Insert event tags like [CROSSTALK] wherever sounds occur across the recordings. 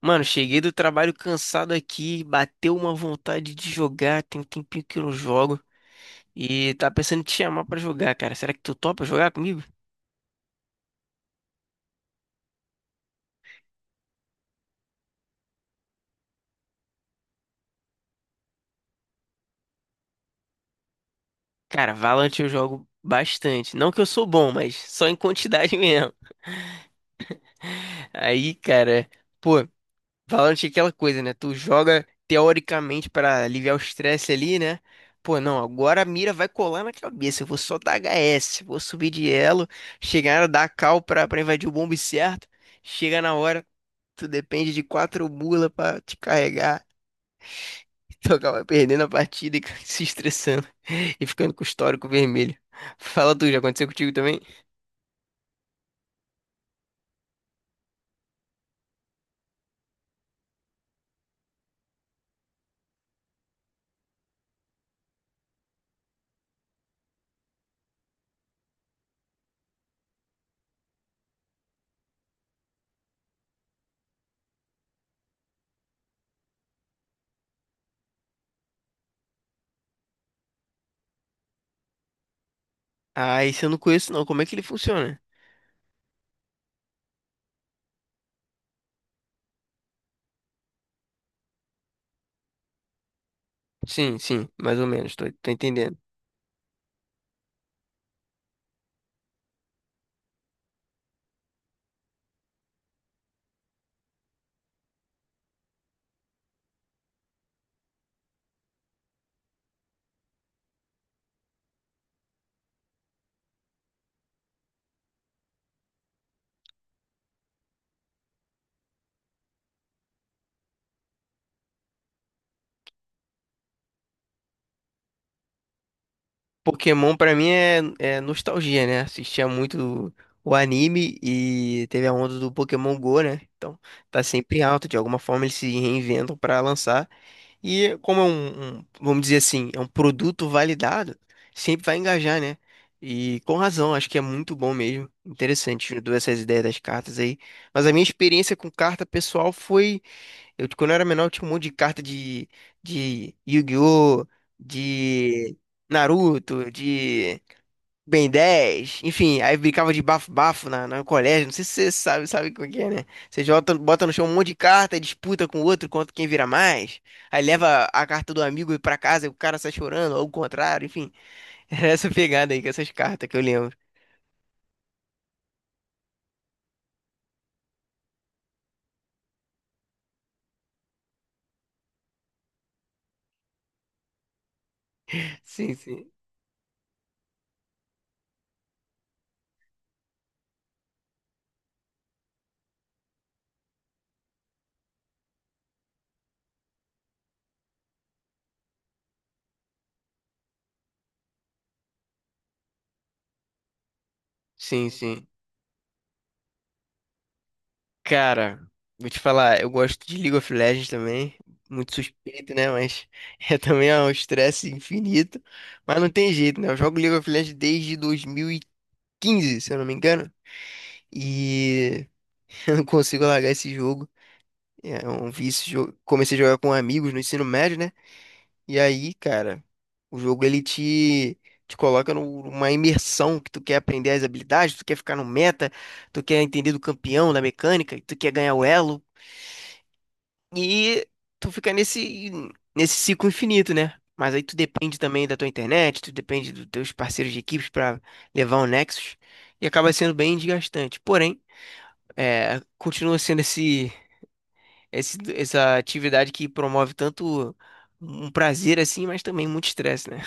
Mano, cheguei do trabalho cansado aqui, bateu uma vontade de jogar, tem um tempinho que eu não jogo e tá pensando em te chamar pra jogar, cara. Será que tu topa jogar comigo? Cara, Valorant eu jogo bastante. Não que eu sou bom, mas só em quantidade [LAUGHS] mesmo. Aí, cara, pô, Valorant é aquela coisa, né? Tu joga teoricamente pra aliviar o estresse ali, né? Pô, não, agora a mira vai colar na cabeça. Eu vou só dar HS, vou subir de elo, chegar, dar a cal pra invadir o bombe certo. Chega na hora. Tu depende de quatro mula pra te carregar. E tu acaba perdendo a partida e [LAUGHS] se estressando e ficando com o histórico vermelho. Fala tu, já aconteceu contigo também? Ah, esse eu não conheço não. Como é que ele funciona? Sim, sim, mais ou menos, tô entendendo. Pokémon pra mim é nostalgia, né? Assistia muito o anime e teve a onda do Pokémon Go, né? Então tá sempre alto. De alguma forma eles se reinventam pra lançar. E como é vamos dizer assim, é um produto validado, sempre vai engajar, né? E com razão, acho que é muito bom mesmo. Interessante, juntou essas ideias das cartas aí. Mas a minha experiência com carta pessoal foi. Eu, quando eu era menor, eu tinha um monte de carta de Yu-Gi-Oh!, de Naruto, de. Ben 10 enfim, aí brincava de bafo-bafo na, no colégio, não sei se você sabe, sabe como é que é, né? Você jota, bota no chão um monte de carta, disputa com o outro quanto quem vira mais, aí leva a carta do amigo pra casa e o cara sai chorando, ou o contrário, enfim. [LAUGHS] Era essa pegada aí com essas cartas que eu lembro. Sim, sim. Sim, sim. Cara, vou te falar, eu gosto de League of Legends também. Muito suspeito, né? Mas [LAUGHS] é também é um estresse infinito. Mas não tem jeito, né? Eu jogo League of Legends desde 2015, se eu não me engano. E [LAUGHS] eu não consigo largar esse jogo. É um vício. Comecei a jogar com amigos no ensino médio, né? E aí, cara, o jogo ele te coloca numa imersão que tu quer aprender as habilidades, tu quer ficar no meta, tu quer entender do campeão, da mecânica, tu quer ganhar o elo. E tu fica nesse ciclo infinito, né? Mas aí tu depende também da tua internet, tu depende dos teus parceiros de equipes pra levar o Nexus. E acaba sendo bem desgastante. Porém, é, continua sendo esse. Essa atividade que promove tanto um prazer assim, mas também muito estresse, né?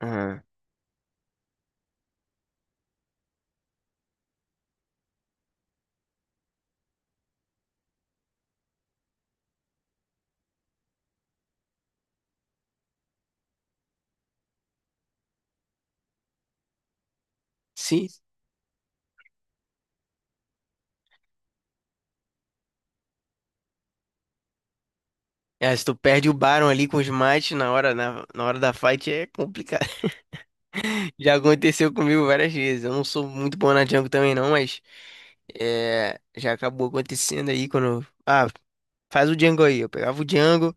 Aham. Sim. É, se tu perde o Baron ali com os mates na hora, na hora da fight é complicado. [LAUGHS] Já aconteceu comigo várias vezes. Eu não sou muito bom na jungle também não, mas é, já acabou acontecendo aí quando. Ah, faz o jungle aí. Eu pegava o jungle,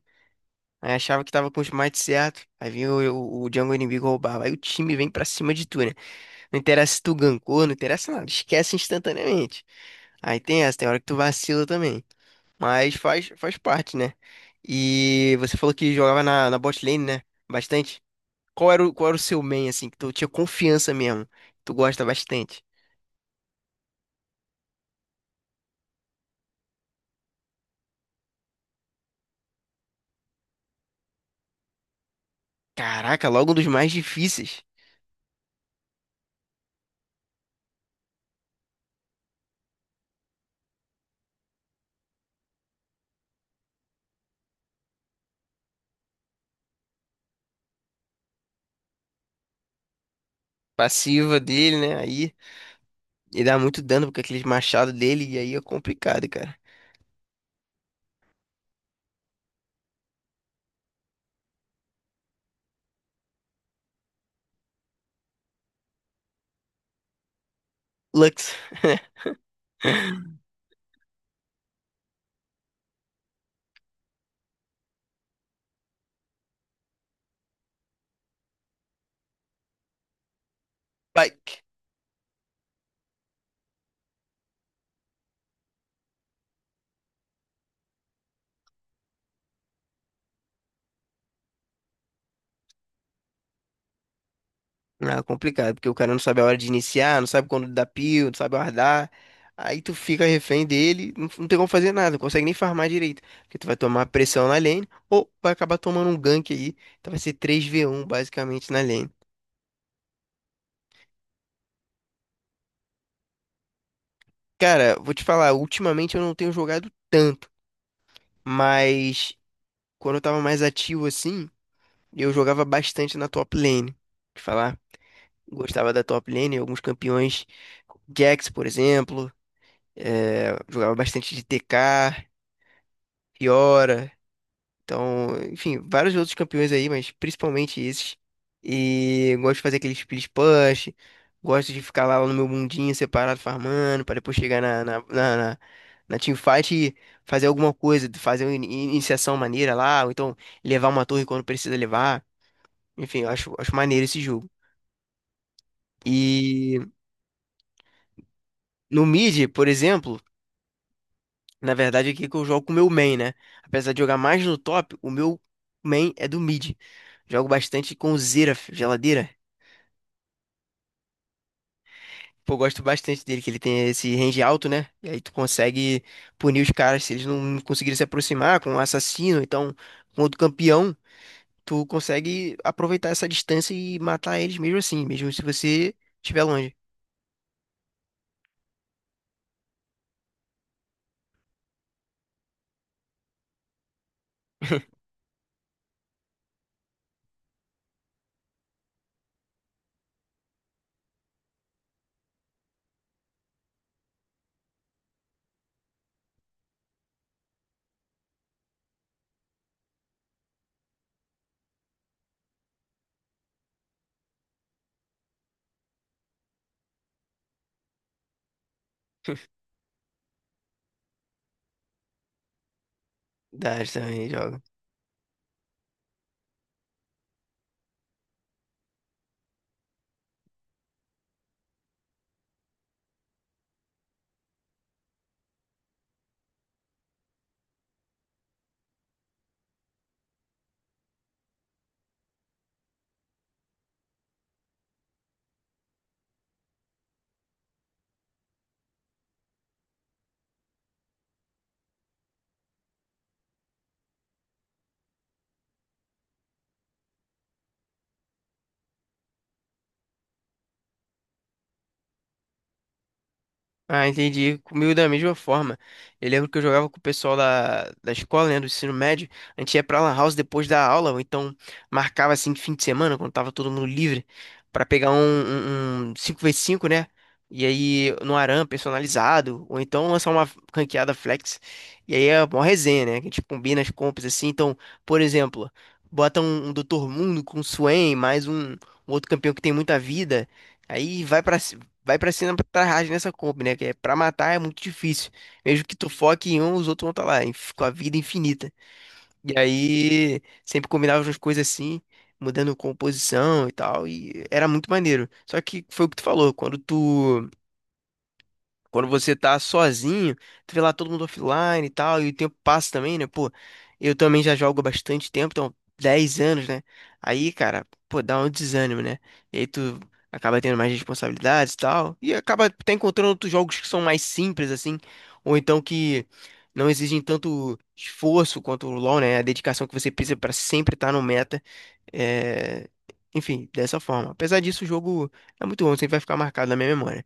aí achava que tava com os mates certo, aí vinha o jungle inimigo roubava. Aí o time vem pra cima de tu, né? Não interessa se tu gankou, não interessa nada. Esquece instantaneamente. Aí tem essa, tem hora que tu vacila também. Mas faz parte, né? E você falou que jogava na bot lane, né? Bastante. Qual era o seu main, assim, que tu tinha confiança mesmo? Tu gosta bastante. Caraca, logo um dos mais difíceis. Passiva dele, né? Aí ele dá muito dano com aqueles machados dele e aí é complicado, cara. Lux. [LAUGHS] Pike. Ah, complicado, porque o cara não sabe a hora de iniciar, não sabe quando dar pio, não sabe guardar. Aí tu fica refém dele, não, não tem como fazer nada, não consegue nem farmar direito. Porque tu vai tomar pressão na lane, ou vai acabar tomando um gank aí. Então vai ser três v um basicamente na lane. Cara, vou te falar, ultimamente eu não tenho jogado tanto, mas quando eu tava mais ativo assim, eu jogava bastante na top lane. Te falar, gostava da top lane, alguns campeões, Jax, por exemplo, jogava bastante de TK. Fiora, então, enfim, vários outros campeões aí, mas principalmente esses. E eu gosto de fazer aqueles split push, gosto de ficar lá no meu mundinho separado farmando, para depois chegar na teamfight e fazer alguma coisa, fazer uma iniciação maneira lá, ou então levar uma torre quando precisa levar. Enfim, eu acho maneiro esse jogo. E no mid, por exemplo. Na verdade, aqui que eu jogo com o meu main, né? Apesar de jogar mais no top, o meu main é do mid. Jogo bastante com o Xerath, geladeira. Pô, gosto bastante dele, que ele tem esse range alto, né? E aí tu consegue punir os caras se eles não conseguirem se aproximar com um assassino, então com outro campeão, tu consegue aproveitar essa distância e matar eles mesmo assim, mesmo se você estiver longe. [LAUGHS] Dá, também. Ah, entendi. Comigo da mesma forma. Eu lembro que eu jogava com o pessoal da escola, né, do ensino médio. A gente ia pra Lan House depois da aula, ou então marcava assim de fim de semana, quando tava todo mundo livre, pra pegar um cinco, v 5 né? E aí no ARAM personalizado, ou então lançar uma ranqueada flex. E aí é uma resenha, né? Que a gente combina as compras assim. Então, por exemplo, bota um Dr. Mundo com o Swain, mais um outro campeão que tem muita vida. Aí vai pra cima pra rage nessa comp, né? Que é pra matar é muito difícil. Mesmo que tu foque em um, os outros vão estar lá, com a vida infinita. E aí, sempre combinava umas coisas assim, mudando composição e tal, e era muito maneiro. Só que foi o que tu falou, quando você tá sozinho, tu vê lá todo mundo offline e tal, e o tempo passa também, né? Pô, eu também já jogo há bastante tempo, então 10 anos, né? Aí, cara, pô, dá um desânimo, né? E aí tu acaba tendo mais responsabilidades e tal, e acaba até encontrando outros jogos que são mais simples, assim, ou então que não exigem tanto esforço quanto o LoL, né? A dedicação que você precisa pra sempre estar no meta. É... Enfim, dessa forma. Apesar disso, o jogo é muito bom, sempre vai ficar marcado na minha memória.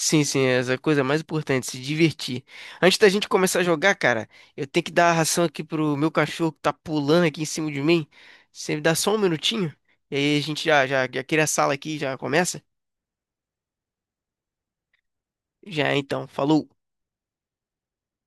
Sim, sim, essa é a coisa mais importante, se divertir. Antes da gente começar a jogar, cara, eu tenho que dar a ração aqui pro meu cachorro que tá pulando aqui em cima de mim. Você me dá só um minutinho? E aí a gente já cria a sala aqui, e já começa? Já, então, falou.